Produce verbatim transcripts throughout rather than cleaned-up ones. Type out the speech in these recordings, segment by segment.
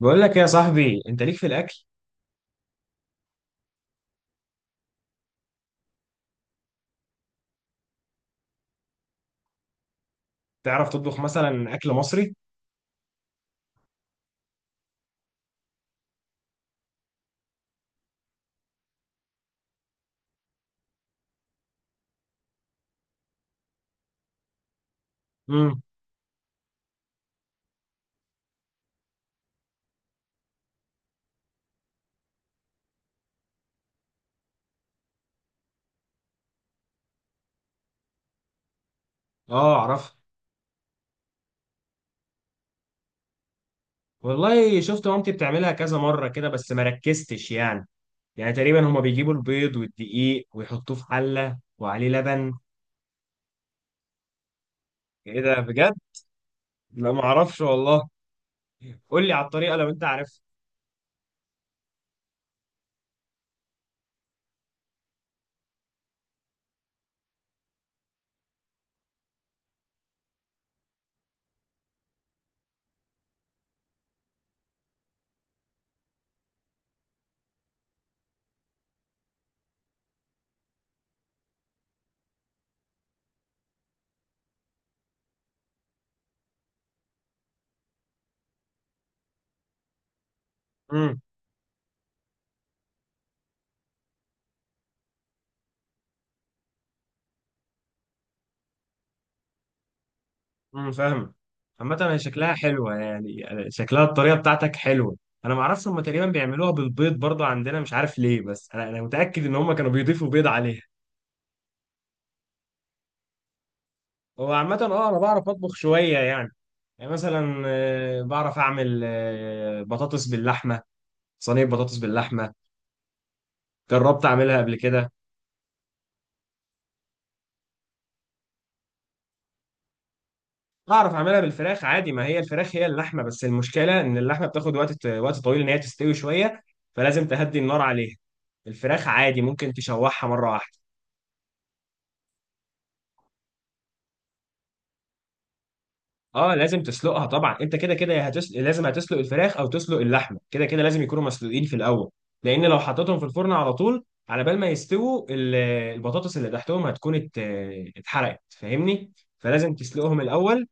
بقول لك إيه يا صاحبي، انت ليك في الاكل. تعرف تطبخ مثلا اكل مصري؟ امم. اه، اعرف. والله شفت مامتي بتعملها كذا مره كده بس ما ركزتش يعني. يعني تقريبا هما بيجيبوا البيض والدقيق ويحطوه في حله وعليه لبن. ايه ده بجد؟ لا، ما اعرفش والله. قول لي على الطريقه لو انت عارف. امم. امم، فاهم. عامه هي شكلها حلوه، يعني شكلها الطريقه بتاعتك حلوه. انا ما اعرفش، هما تقريبا بيعملوها بالبيض برضه عندنا، مش عارف ليه، بس انا انا متاكد ان هما كانوا بيضيفوا بيض عليها. هو عامة اه انا بعرف اطبخ شوية يعني. يعني مثلا آه، بعرف اعمل آه، بطاطس باللحمة. صينية بطاطس باللحمة، جربت اعملها قبل كده. اعرف اعملها بالفراخ عادي، ما هي الفراخ هي اللحمة، بس المشكلة ان اللحمة بتاخد وقت وقت طويل ان هي تستوي شوية، فلازم تهدي النار عليها. الفراخ عادي ممكن تشوحها مرة واحدة. اه لازم تسلقها طبعا، انت كده كده هتسلق، لازم هتسلق الفراخ او تسلق اللحمه كده كده، لازم يكونوا مسلوقين في الاول. لان لو حطيتهم في الفرن على طول، على بال ما يستووا ال- البطاطس اللي تحتهم هتكون ات- اتحرقت، فاهمني؟ فلازم تسلقهم الاول،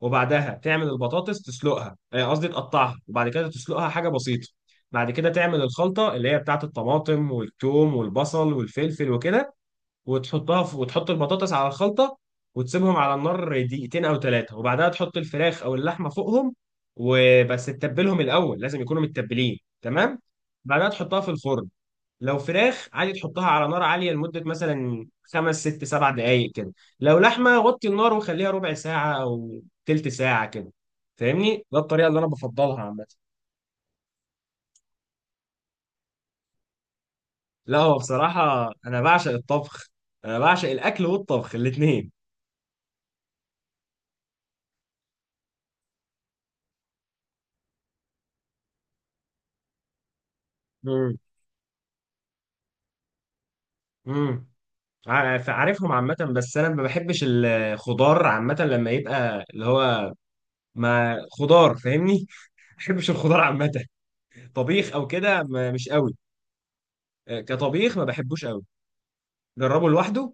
وبعدها تعمل البطاطس تسلقها، آه، قصدي تقطعها، وبعد كده تسلقها حاجه بسيطه. بعد كده تعمل الخلطه اللي هي بتاعت الطماطم والثوم والبصل والفلفل وكده، وتحطها في، وتحط البطاطس على الخلطة، وتسيبهم على النار دقيقتين أو ثلاثة، وبعدها تحط الفراخ أو اللحمة فوقهم. وبس تتبلهم الأول، لازم يكونوا متبلين تمام. بعدها تحطها في الفرن. لو فراخ عادي تحطها على نار عالية لمدة مثلا خمس ست سبع دقايق كده. لو لحمة غطي النار وخليها ربع ساعة أو تلت ساعة كده. فاهمني، ده الطريقة اللي أنا بفضلها عامة. لا هو بصراحة أنا بعشق الطبخ، أنا بعشق الأكل والطبخ الاتنين. مم. مم. ع- عارفهم عامة، بس أنا ما بحبش الخضار عامة لما يبقى اللي هو ما خضار، فاهمني؟ ما بحبش الخضار عامة، طبيخ أو كده ما- مش قوي. آه، كطبيخ ما بحبوش قوي. جربه لوحده.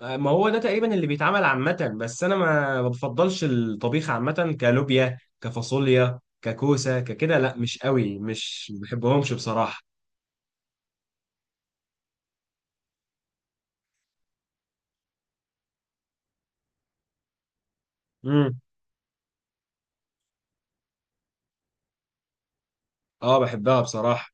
آه، ما هو ده تقريبا اللي بيتعمل عامة، بس أنا ما ما بفضلش الطبيخ عامة، كلوبيا كفاصوليا ككوسة ككده، لا مش قوي، مش ما بحبهمش بصراحة. امم. اه بحبها بصراحة.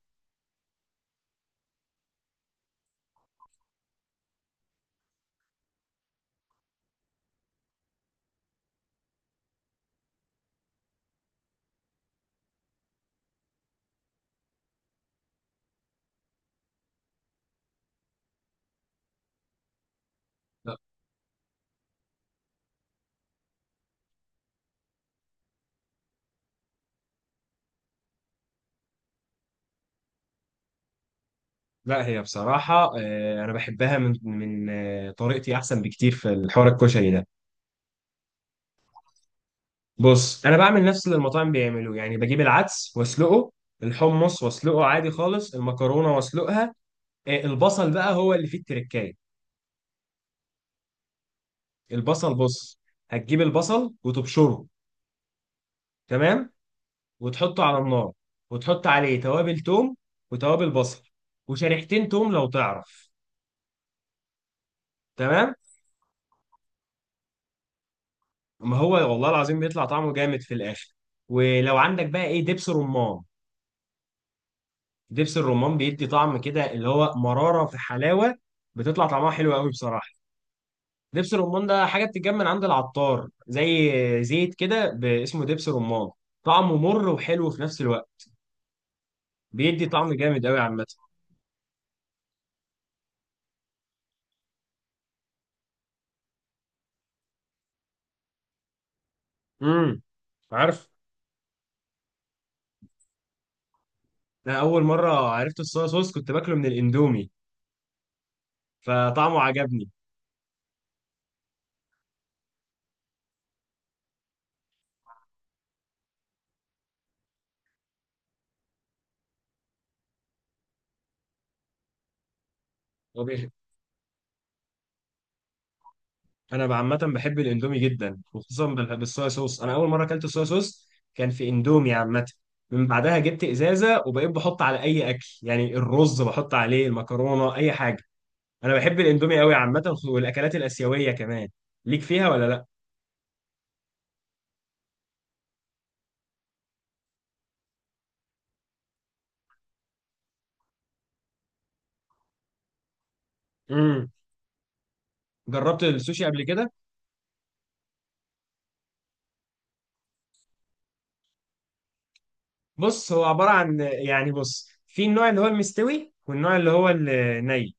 لا هي بصراحة آه، أنا بحبها من من آه، طريقتي أحسن بكتير في الحوار الكشري ده. بص أنا بعمل نفس اللي المطاعم بيعملوه، يعني بجيب العدس وأسلقه، الحمص وأسلقه عادي خالص، المكرونة وأسلقها. آه، البصل بقى هو اللي فيه التركاية. البصل، بص، هتجيب البصل وتبشره، تمام؟ وتحطه على النار، وتحط عليه توابل توم وتوابل بصل وشريحتين توم لو تعرف، تمام؟ ما هو والله العظيم بيطلع طعمه جامد في الآخر. ولو عندك بقى إيه دبس رمان، دبس الرمان بيدي طعم كده اللي هو مرارة في حلاوة، بتطلع طعمها حلو قوي بصراحة. دبس الرمان ده حاجة بتتجمع من عند العطار، زي زيت كده، ب- اسمه دبس رمان، طعمه مر وحلو في نفس الوقت. بيدي طعم جامد قوي عامة. امم. عارف. انا اول مرة عرفت الصويا صوص كنت باكله من الاندومي، فطعمه عجبني. انا عامه بحب الاندومي جدا، وخصوصا بال- بالصويا صوص. انا اول مره اكلت صويا صوص كان في اندومي عامه. من بعدها جبت ازازه وبقيت بحط على اي اكل، يعني الرز بحط عليه، المكرونه، اي حاجه. انا بحب الاندومي قوي عامه، والاكلات الاسيويه كمان. ليك فيها ولا لا؟ امم. جربت السوشي قبل كده. بص هو عباره عن، يعني بص في النوع اللي هو المستوي والنوع اللي هو الني.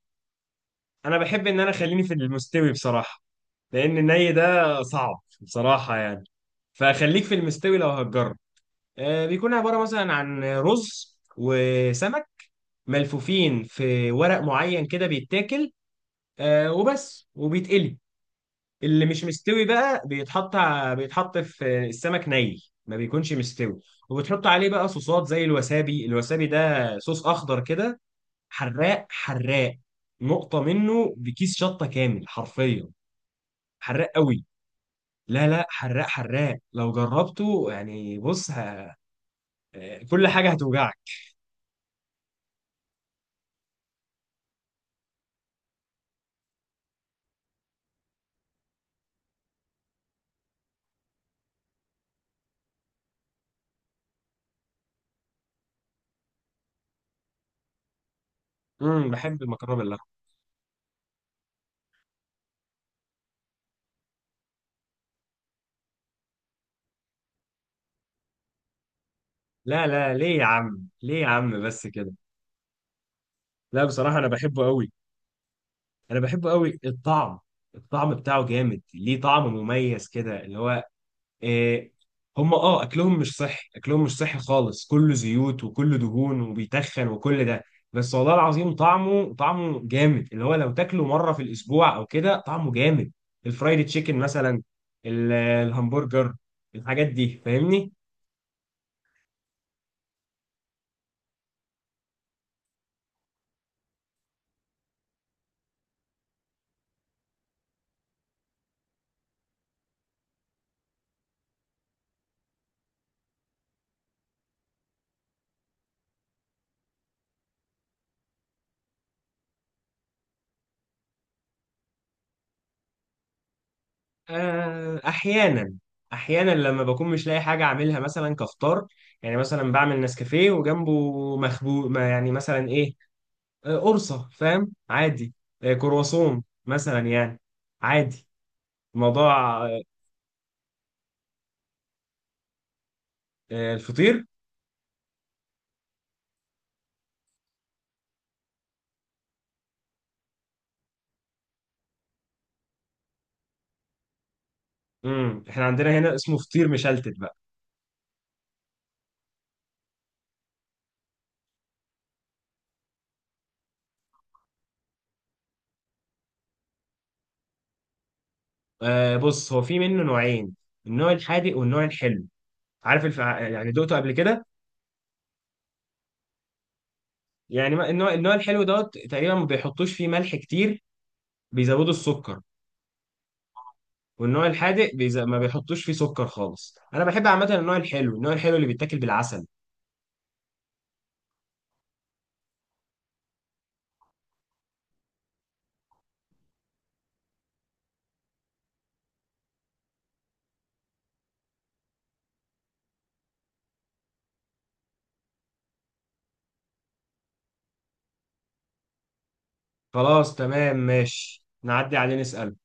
انا بحب ان انا خليني في المستوي بصراحه، لان الني ده صعب بصراحه يعني. فخليك في المستوي لو هتجرب. آه، بيكون عباره مثلا عن رز وسمك ملفوفين في ورق معين كده بيتاكل، آه، وبس وبيتقلي. اللي مش مستوي بقى بيتحط ع- بيتحط في السمك ني، ما بيكونش مستوي، وبتحط عليه بقى صوصات زي الوسابي. الوسابي ده صوص اخضر كده، حراق حراق، نقطة منه بكيس شطة كامل حرفيا. حراق قوي. لا لا حراق حراق لو جربته يعني، بص ه... كل حاجة هتوجعك. امم، بحب المكرونة باللحمة. لا لا ليه يا عم ليه يا عم بس كده. لا بصراحة أنا بحبه قوي، أنا بحبه قوي. الطعم، الطعم بتاعه جامد، ليه طعم مميز كده اللي هو إيه. هم اه اكلهم مش صحي، اكلهم مش صحي خالص، كله زيوت وكله دهون وبيتخن وكل ده، بس والله العظيم طعمه طعمه جامد اللي هو لو تاكله مره في الاسبوع او كده طعمه جامد. الفرايد تشيكن مثلا، ال- الهمبرجر، الحاجات دي فاهمني؟ آه احيانا. احيانا لما بكون مش لاقي حاجه اعملها مثلا كفطار، يعني مثلا بعمل نسكافيه وجنبه مخبوق ما يعني مثلا ايه، آه، قرصة فاهم عادي، آه، كرواسون مثلا يعني، عادي. موضوع آه، آه، الفطير. امم، احنا عندنا هنا اسمه فطير مشلتت بقى. آه، بص هو في منه نوعين، النوع الحادق والنوع الحلو. عارف الف... آه، يعني دقته قبل كده؟ يعني ما- النوع النوع الحلو دوت تقريبا ما بيحطوش فيه ملح كتير، بيزودوا السكر. والنوع الحادق بيز... ما بيحطوش فيه سكر خالص. انا بحب عامه النوع الحلو، النوع الحلو اللي بيتاكل بالعسل. خلاص تمام ماشي، نعدي عليه نسأل.